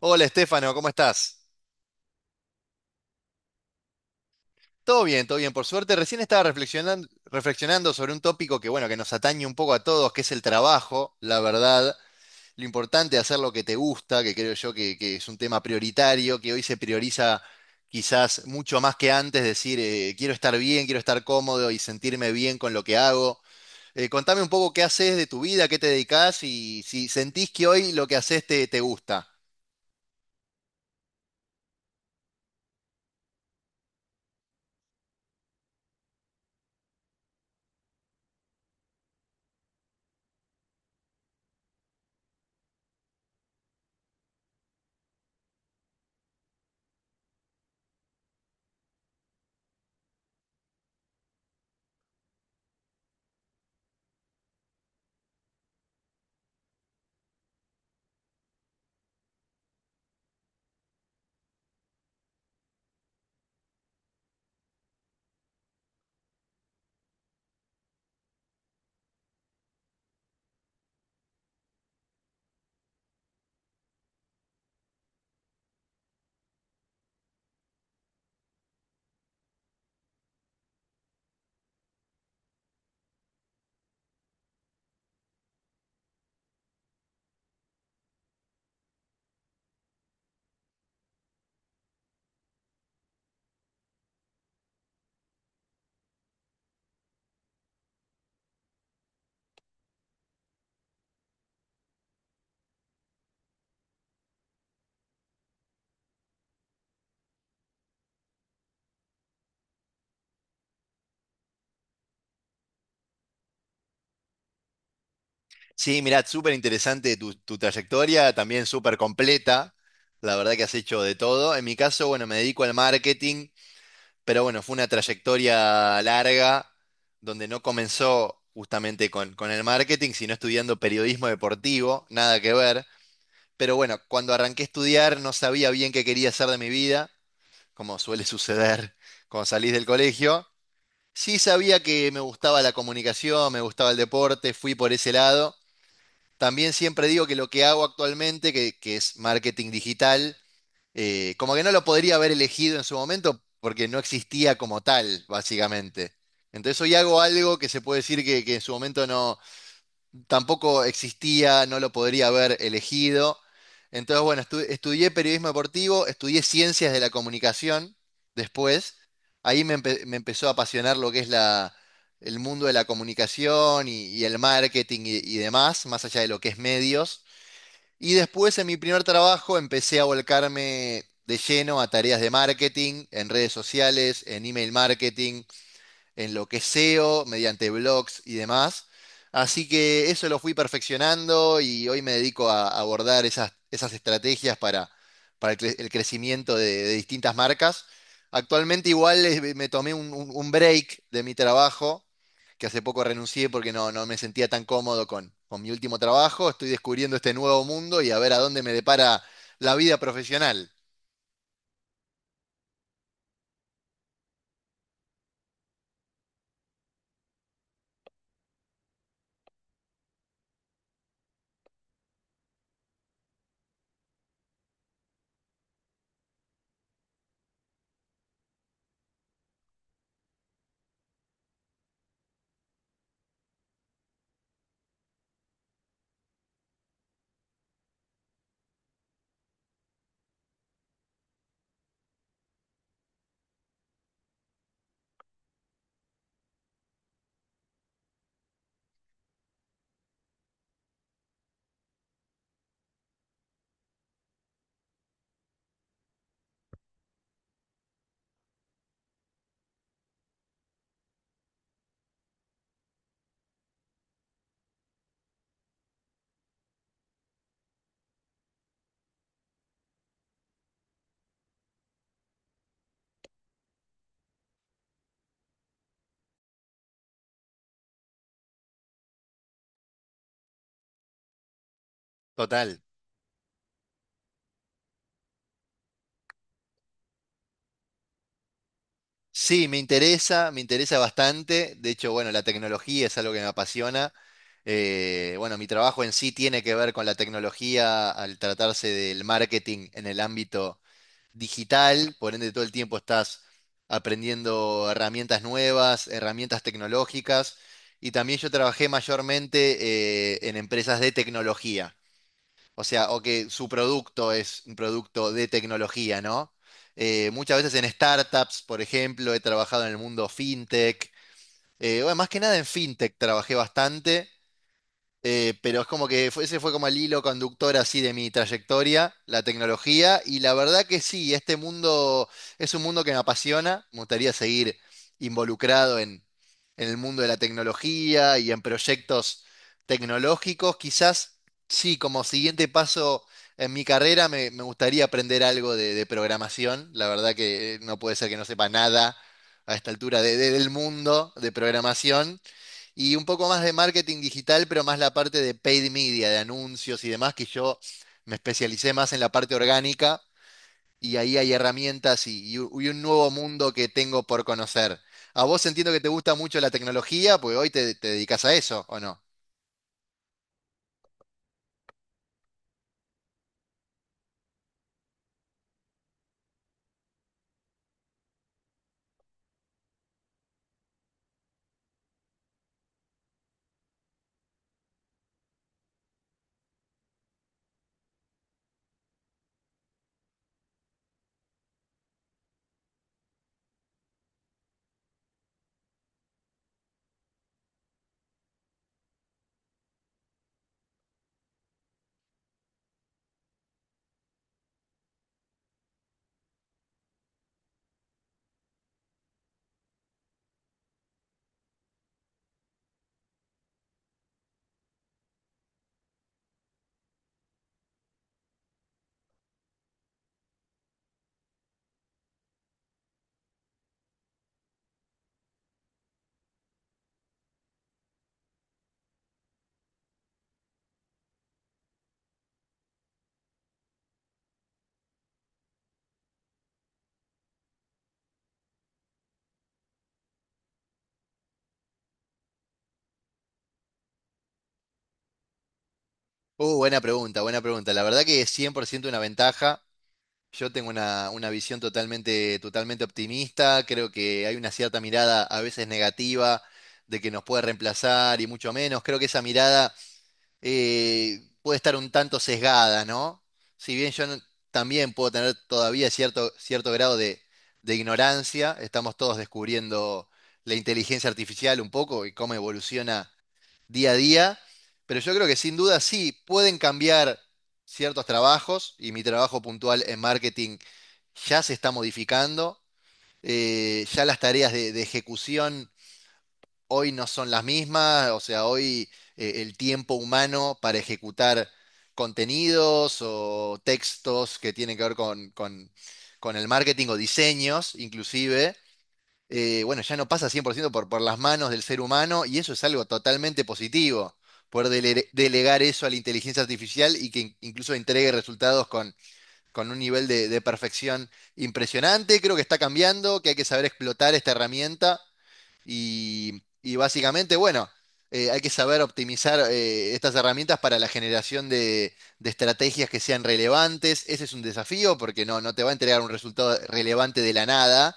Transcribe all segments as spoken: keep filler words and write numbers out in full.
Hola Estefano, ¿cómo estás? Todo bien, todo bien, por suerte. Recién estaba reflexionando, reflexionando sobre un tópico que, bueno, que nos atañe un poco a todos, que es el trabajo, la verdad. Lo importante es hacer lo que te gusta, que creo yo que, que es un tema prioritario, que hoy se prioriza quizás mucho más que antes, decir, eh, quiero estar bien, quiero estar cómodo y sentirme bien con lo que hago. Eh, contame un poco qué haces de tu vida, qué te dedicas y si sentís que hoy lo que haces te, te gusta. Sí, mirá, súper interesante tu, tu trayectoria, también súper completa. La verdad que has hecho de todo. En mi caso, bueno, me dedico al marketing, pero bueno, fue una trayectoria larga donde no comenzó justamente con, con el marketing, sino estudiando periodismo deportivo, nada que ver. Pero bueno, cuando arranqué a estudiar no sabía bien qué quería hacer de mi vida, como suele suceder cuando salís del colegio. Sí sabía que me gustaba la comunicación, me gustaba el deporte, fui por ese lado. También siempre digo que lo que hago actualmente, que, que es marketing digital, eh, como que no lo podría haber elegido en su momento porque no existía como tal, básicamente. Entonces hoy hago algo que se puede decir que, que en su momento no, tampoco existía, no lo podría haber elegido. Entonces, bueno, estu- estudié periodismo deportivo, estudié ciencias de la comunicación después. Ahí me, empe- me empezó a apasionar lo que es la, el mundo de la comunicación y, y el marketing y, y demás, más allá de lo que es medios. Y después, en mi primer trabajo, empecé a volcarme de lleno a tareas de marketing, en redes sociales, en email marketing, en lo que es S E O, mediante blogs y demás. Así que eso lo fui perfeccionando y hoy me dedico a abordar esas, esas estrategias para, para el, cre- el crecimiento de, de distintas marcas. Actualmente igual eh, me tomé un, un- un break de mi trabajo, que hace poco renuncié porque no, no me sentía tan cómodo con, con mi último trabajo. Estoy descubriendo este nuevo mundo y a ver a dónde me depara la vida profesional. Total. Sí, me interesa, me interesa bastante. De hecho, bueno, la tecnología es algo que me apasiona. Eh, bueno, mi trabajo en sí tiene que ver con la tecnología al tratarse del marketing en el ámbito digital. Por ende, todo el tiempo estás aprendiendo herramientas nuevas, herramientas tecnológicas. Y también yo trabajé mayormente eh, en empresas de tecnología. O sea, o que su producto es un producto de tecnología, ¿no? Eh, muchas veces en startups, por ejemplo, he trabajado en el mundo fintech. Eh, bueno, más que nada en fintech trabajé bastante. Eh, pero es como que fue- ese fue como el hilo conductor así de mi trayectoria, la tecnología, y la verdad que sí, este mundo es un mundo que me apasiona, me gustaría seguir involucrado en, en el mundo de la tecnología y en proyectos tecnológicos. Quizás sí, como siguiente paso en mi carrera me, me gustaría aprender algo de, de programación, la verdad que eh, no puede ser que no sepa nada a esta altura de- de- del mundo de programación. Y un poco más de marketing digital, pero más la parte de paid media, de anuncios y demás, que yo me especialicé más en la parte orgánica y ahí hay herramientas y, y u- y un nuevo mundo que tengo por conocer. A vos entiendo que te gusta mucho la tecnología, pues hoy te, te dedicas a eso, ¿o no? Uh, buena pregunta, buena pregunta. La verdad que es cien por ciento una ventaja. Yo tengo una, una visión totalmente, totalmente optimista. Creo que hay una cierta mirada a veces negativa de que nos puede reemplazar y mucho menos. Creo que esa mirada eh, puede estar un tanto sesgada, ¿no? Si bien yo no- también puedo tener todavía cierto, cierto grado de, de ignorancia, estamos todos descubriendo la inteligencia artificial un poco y cómo evoluciona día a día, pero yo creo que sin duda sí pueden cambiar ciertos trabajos y mi trabajo puntual en marketing ya se está modificando, eh, ya las tareas de de ejecución hoy no son las mismas, o sea, hoy eh, el tiempo humano para ejecutar contenidos o textos que tienen que ver con, con- con el marketing o diseños, inclusive, eh, bueno, ya no pasa cien por ciento por, ciento por por las manos del ser humano y eso es algo totalmente positivo, poder dele- delegar eso a la inteligencia artificial y que in- incluso entregue resultados con, con un nivel de de perfección impresionante. Creo que está cambiando, que hay que saber explotar esta herramienta. Y, y básicamente, bueno, eh, hay que saber optimizar eh, estas herramientas para la generación de, de estrategias que sean relevantes. Ese es un desafío porque no, no te va a entregar un resultado relevante de la nada,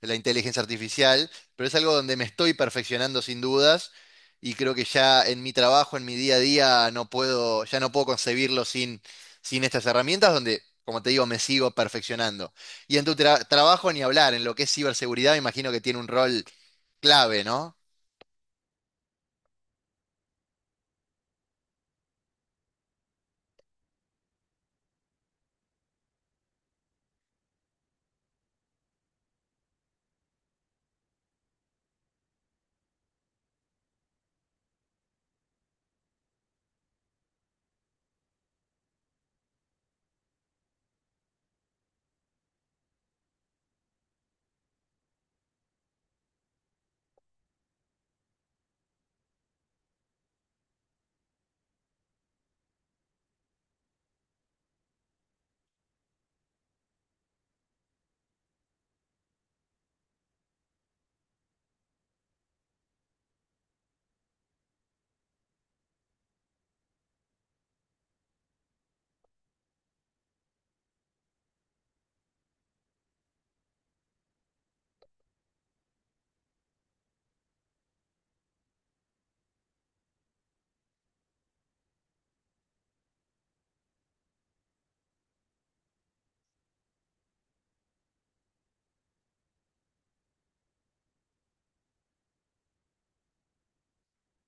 la inteligencia artificial, pero es algo donde me estoy perfeccionando sin dudas y creo que ya en mi trabajo, en mi día a día, no puedo, ya no puedo concebirlo sin, sin estas herramientas donde, como te digo, me sigo perfeccionando. Y en tu tra- trabajo ni hablar, en lo que es ciberseguridad, me imagino que tiene un rol clave, ¿no?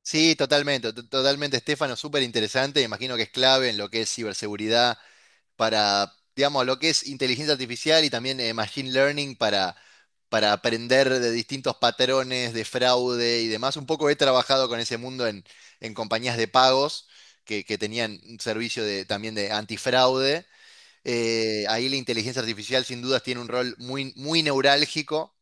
Sí, totalmente, to- totalmente, Estefano, súper interesante, me imagino que es clave en lo que es ciberseguridad para, digamos, lo que es inteligencia artificial y también eh, machine learning para aprender de distintos patrones de fraude y demás. Un poco he trabajado con ese mundo en, en compañías de pagos que, que tenían un servicio de, también de antifraude eh, ahí la inteligencia artificial sin dudas tiene un rol muy, muy neurálgico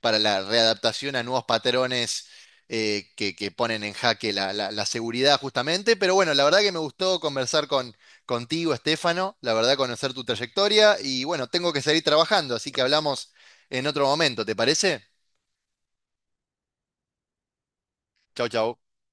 para la readaptación a nuevos patrones eh, que, que ponen en jaque la, la- la seguridad justamente. Pero bueno, la verdad que me gustó conversar con, contigo, Estefano, la verdad conocer tu trayectoria y bueno, tengo que seguir trabajando, así que hablamos en otro momento, ¿te parece? Chau, chau.